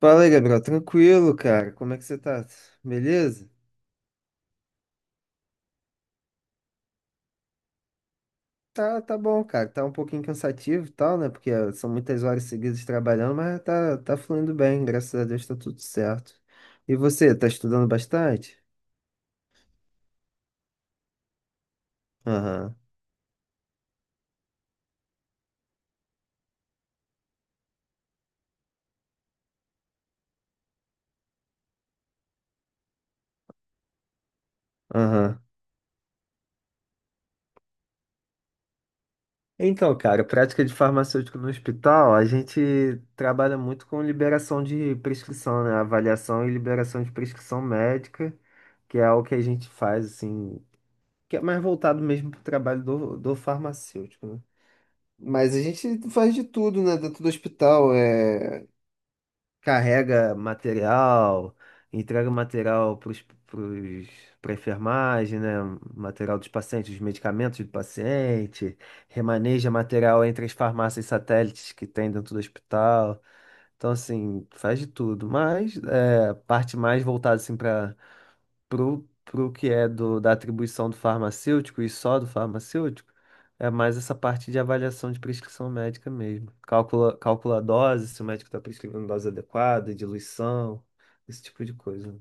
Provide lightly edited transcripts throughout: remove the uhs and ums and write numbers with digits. Fala aí, Gabriel. Tranquilo, cara. Como é que você tá? Beleza? Tá, tá bom, cara. Tá um pouquinho cansativo e tal, né? Porque são muitas horas seguidas trabalhando, mas tá fluindo bem. Graças a Deus tá tudo certo. E você, tá estudando bastante? Aham, aham. Então, cara, prática de farmacêutico no hospital, a gente trabalha muito com liberação de prescrição, né? Avaliação e liberação de prescrição médica, que é o que a gente faz, assim, que é mais voltado mesmo pro trabalho do farmacêutico, né? Mas a gente faz de tudo, né? Dentro do hospital, carrega material, entrega material para enfermagem, né? Material dos pacientes, os medicamentos do paciente, remaneja material entre as farmácias satélites que tem dentro do hospital. Então, assim, faz de tudo. Mas é, parte mais voltada assim, pro que é do, da atribuição do farmacêutico e só do farmacêutico, é mais essa parte de avaliação de prescrição médica mesmo. Calcula, calcula a dose, se o médico está prescrevendo dose adequada, diluição, esse tipo de coisa.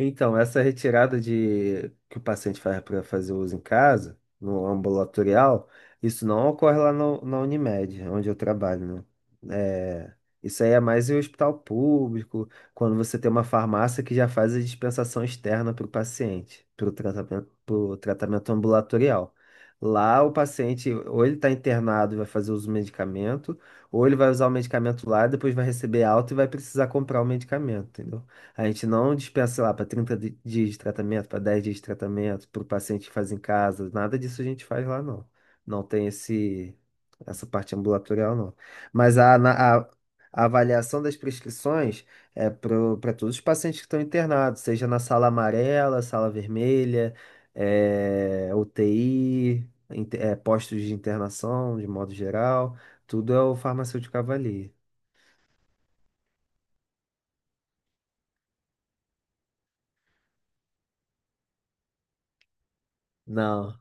Então, essa retirada de que o paciente faz para fazer uso em casa, no ambulatorial, isso não ocorre lá no, na Unimed, onde eu trabalho, né? É, isso aí é mais em hospital público, quando você tem uma farmácia que já faz a dispensação externa para o paciente, para o tratamento, pro tratamento ambulatorial. Lá o paciente, ou ele está internado e vai fazer uso do medicamento, ou ele vai usar o medicamento lá, depois vai receber alta e vai precisar comprar o medicamento, entendeu? A gente não dispensa, sei lá, para 30 dias de tratamento, para 10 dias de tratamento, para o paciente que faz em casa, nada disso a gente faz lá, não. Não tem esse, essa parte ambulatorial, não. Mas a avaliação das prescrições é para todos os pacientes que estão internados, seja na sala amarela, sala vermelha, UTI, postos de internação, de modo geral, tudo é o farmacêutico avalia. Não.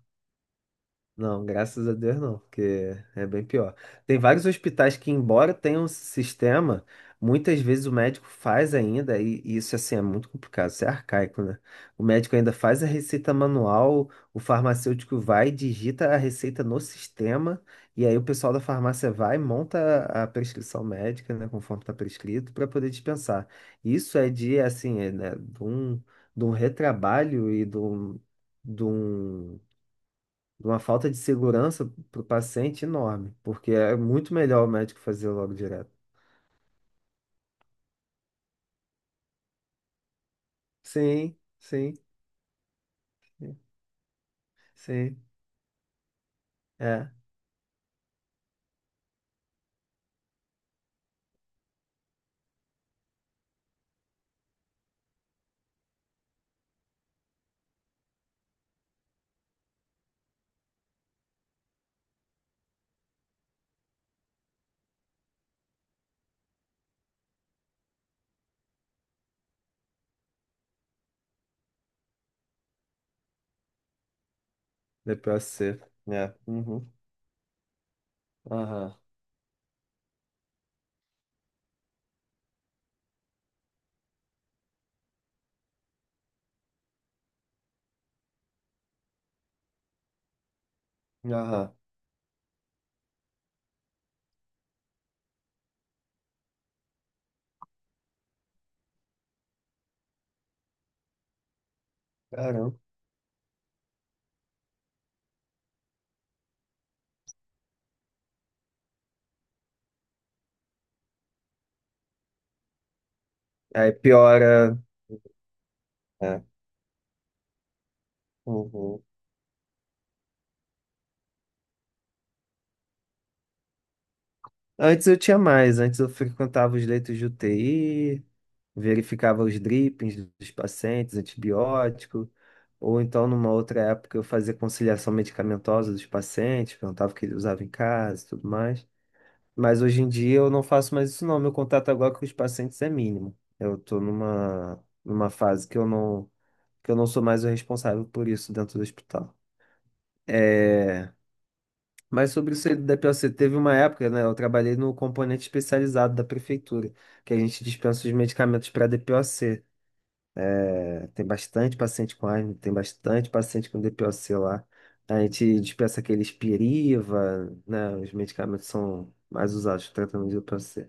Não, graças a Deus não, porque é bem pior. Tem vários hospitais que, embora tenham um sistema, muitas vezes o médico faz ainda, e isso assim é muito complicado, isso é arcaico, né? O médico ainda faz a receita manual, o farmacêutico vai, e digita a receita no sistema, e aí o pessoal da farmácia vai, e monta a prescrição médica, né, conforme está prescrito, para poder dispensar. Isso é de, assim, é, né, de um retrabalho e de um. De um de uma falta de segurança para o paciente enorme, porque é muito melhor o médico fazer logo direto. Sim, sim, sim. É. DPOC. É. Uhum. Aham, aham. Caramba. Aí piora, é, uhum. Antes eu frequentava os leitos de UTI, verificava os drippings dos pacientes, antibiótico, ou então numa outra época eu fazia conciliação medicamentosa dos pacientes, perguntava o que ele usava em casa e tudo mais. Mas hoje em dia eu não faço mais isso, não. Meu contato agora com os pacientes é mínimo. Eu estou numa, fase que eu não sou mais o responsável por isso dentro do hospital. É, mas sobre isso aí do DPOC, teve uma época, né? Eu trabalhei no componente especializado da prefeitura, que a gente dispensa os medicamentos para DPOC. É, tem bastante paciente com asma, tem bastante paciente com DPOC lá. A gente dispensa aqueles Piriva, né? Os medicamentos são mais usados para tratamento de DPOC.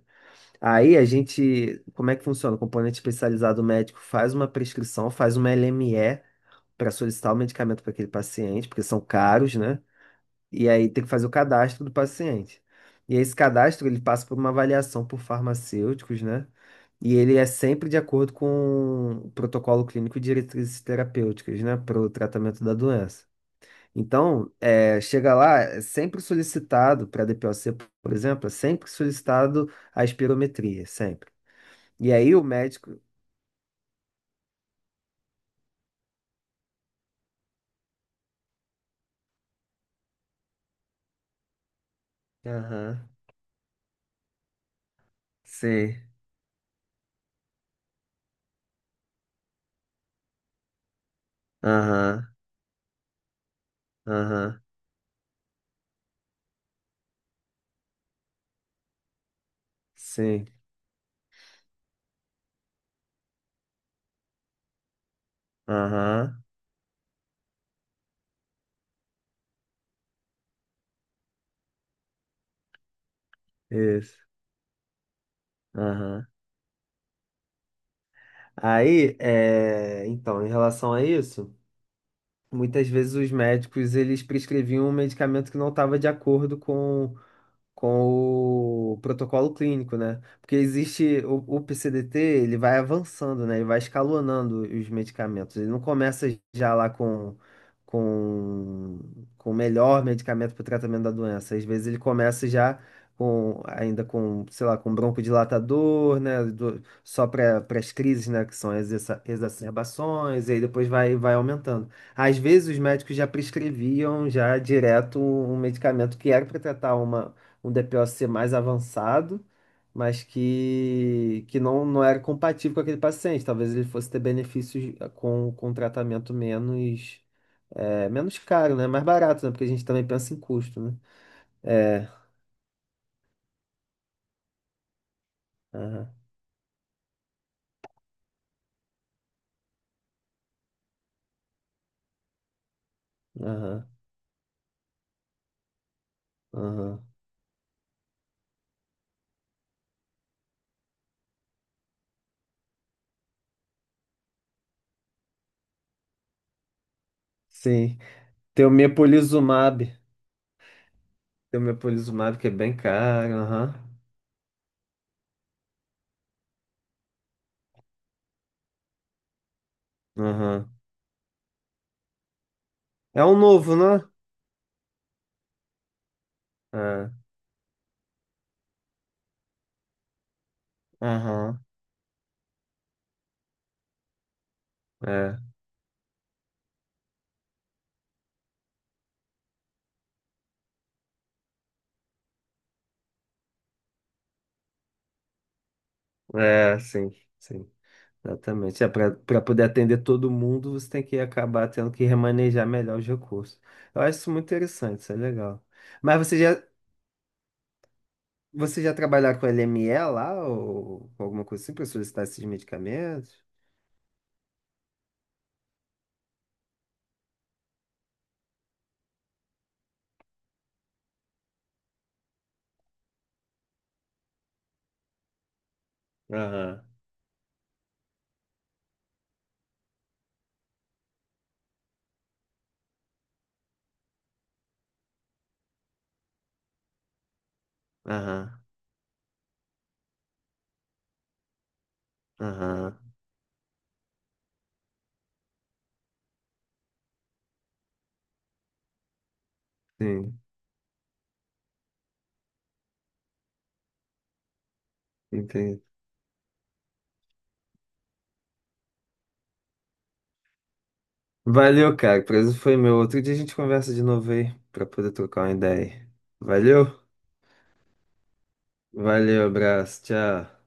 Aí a gente, como é que funciona? O componente especializado médico faz uma prescrição, faz uma LME para solicitar o medicamento para aquele paciente, porque são caros, né? E aí tem que fazer o cadastro do paciente. E esse cadastro ele passa por uma avaliação por farmacêuticos, né? E ele é sempre de acordo com o protocolo clínico e diretrizes terapêuticas, né, para o tratamento da doença. Então, chega lá, é sempre solicitado para a DPOC, por exemplo, é sempre solicitado a espirometria, sempre. E aí o médico. Aham. Sim. Aham. Aham. Sim. Aham. Isso. Aham. Aí, então, em relação a isso, muitas vezes os médicos eles prescreviam um medicamento que não estava de acordo com o protocolo clínico, né? Porque existe o PCDT, ele vai avançando, né? Ele vai escalonando os medicamentos. Ele não começa já lá com com o melhor medicamento para o tratamento da doença. Às vezes ele começa já com ainda com, sei lá, com broncodilatador, né? Só para as crises, né? Que são as exacerbações. E aí depois vai aumentando. Às vezes os médicos já prescreviam já direto um medicamento que era para tratar uma, um DPoC mais avançado, mas que não era compatível com aquele paciente. Talvez ele fosse ter benefícios com um tratamento menos caro, né? Mais barato, né? Porque a gente também pensa em custo, né? É. Aham, aham, aham. Sim. Tem o Mepolizumab. Tem o Mepolizumab que é bem caro. Aham, aham. É um novo, né? É, aham. É, é, sim, sim. Exatamente. É, para poder atender todo mundo, você tem que acabar tendo que remanejar melhor os recursos. Eu acho isso muito interessante, isso é legal. Mas você já trabalhar com LME lá, ou com alguma coisa assim, para solicitar esses medicamentos? Aham. Aham, aham. Sim, entendi. Valeu, cara. O prazer foi meu. Outro dia a gente conversa de novo aí, para poder trocar uma ideia aí. Valeu? Valeu, abraço, tchau.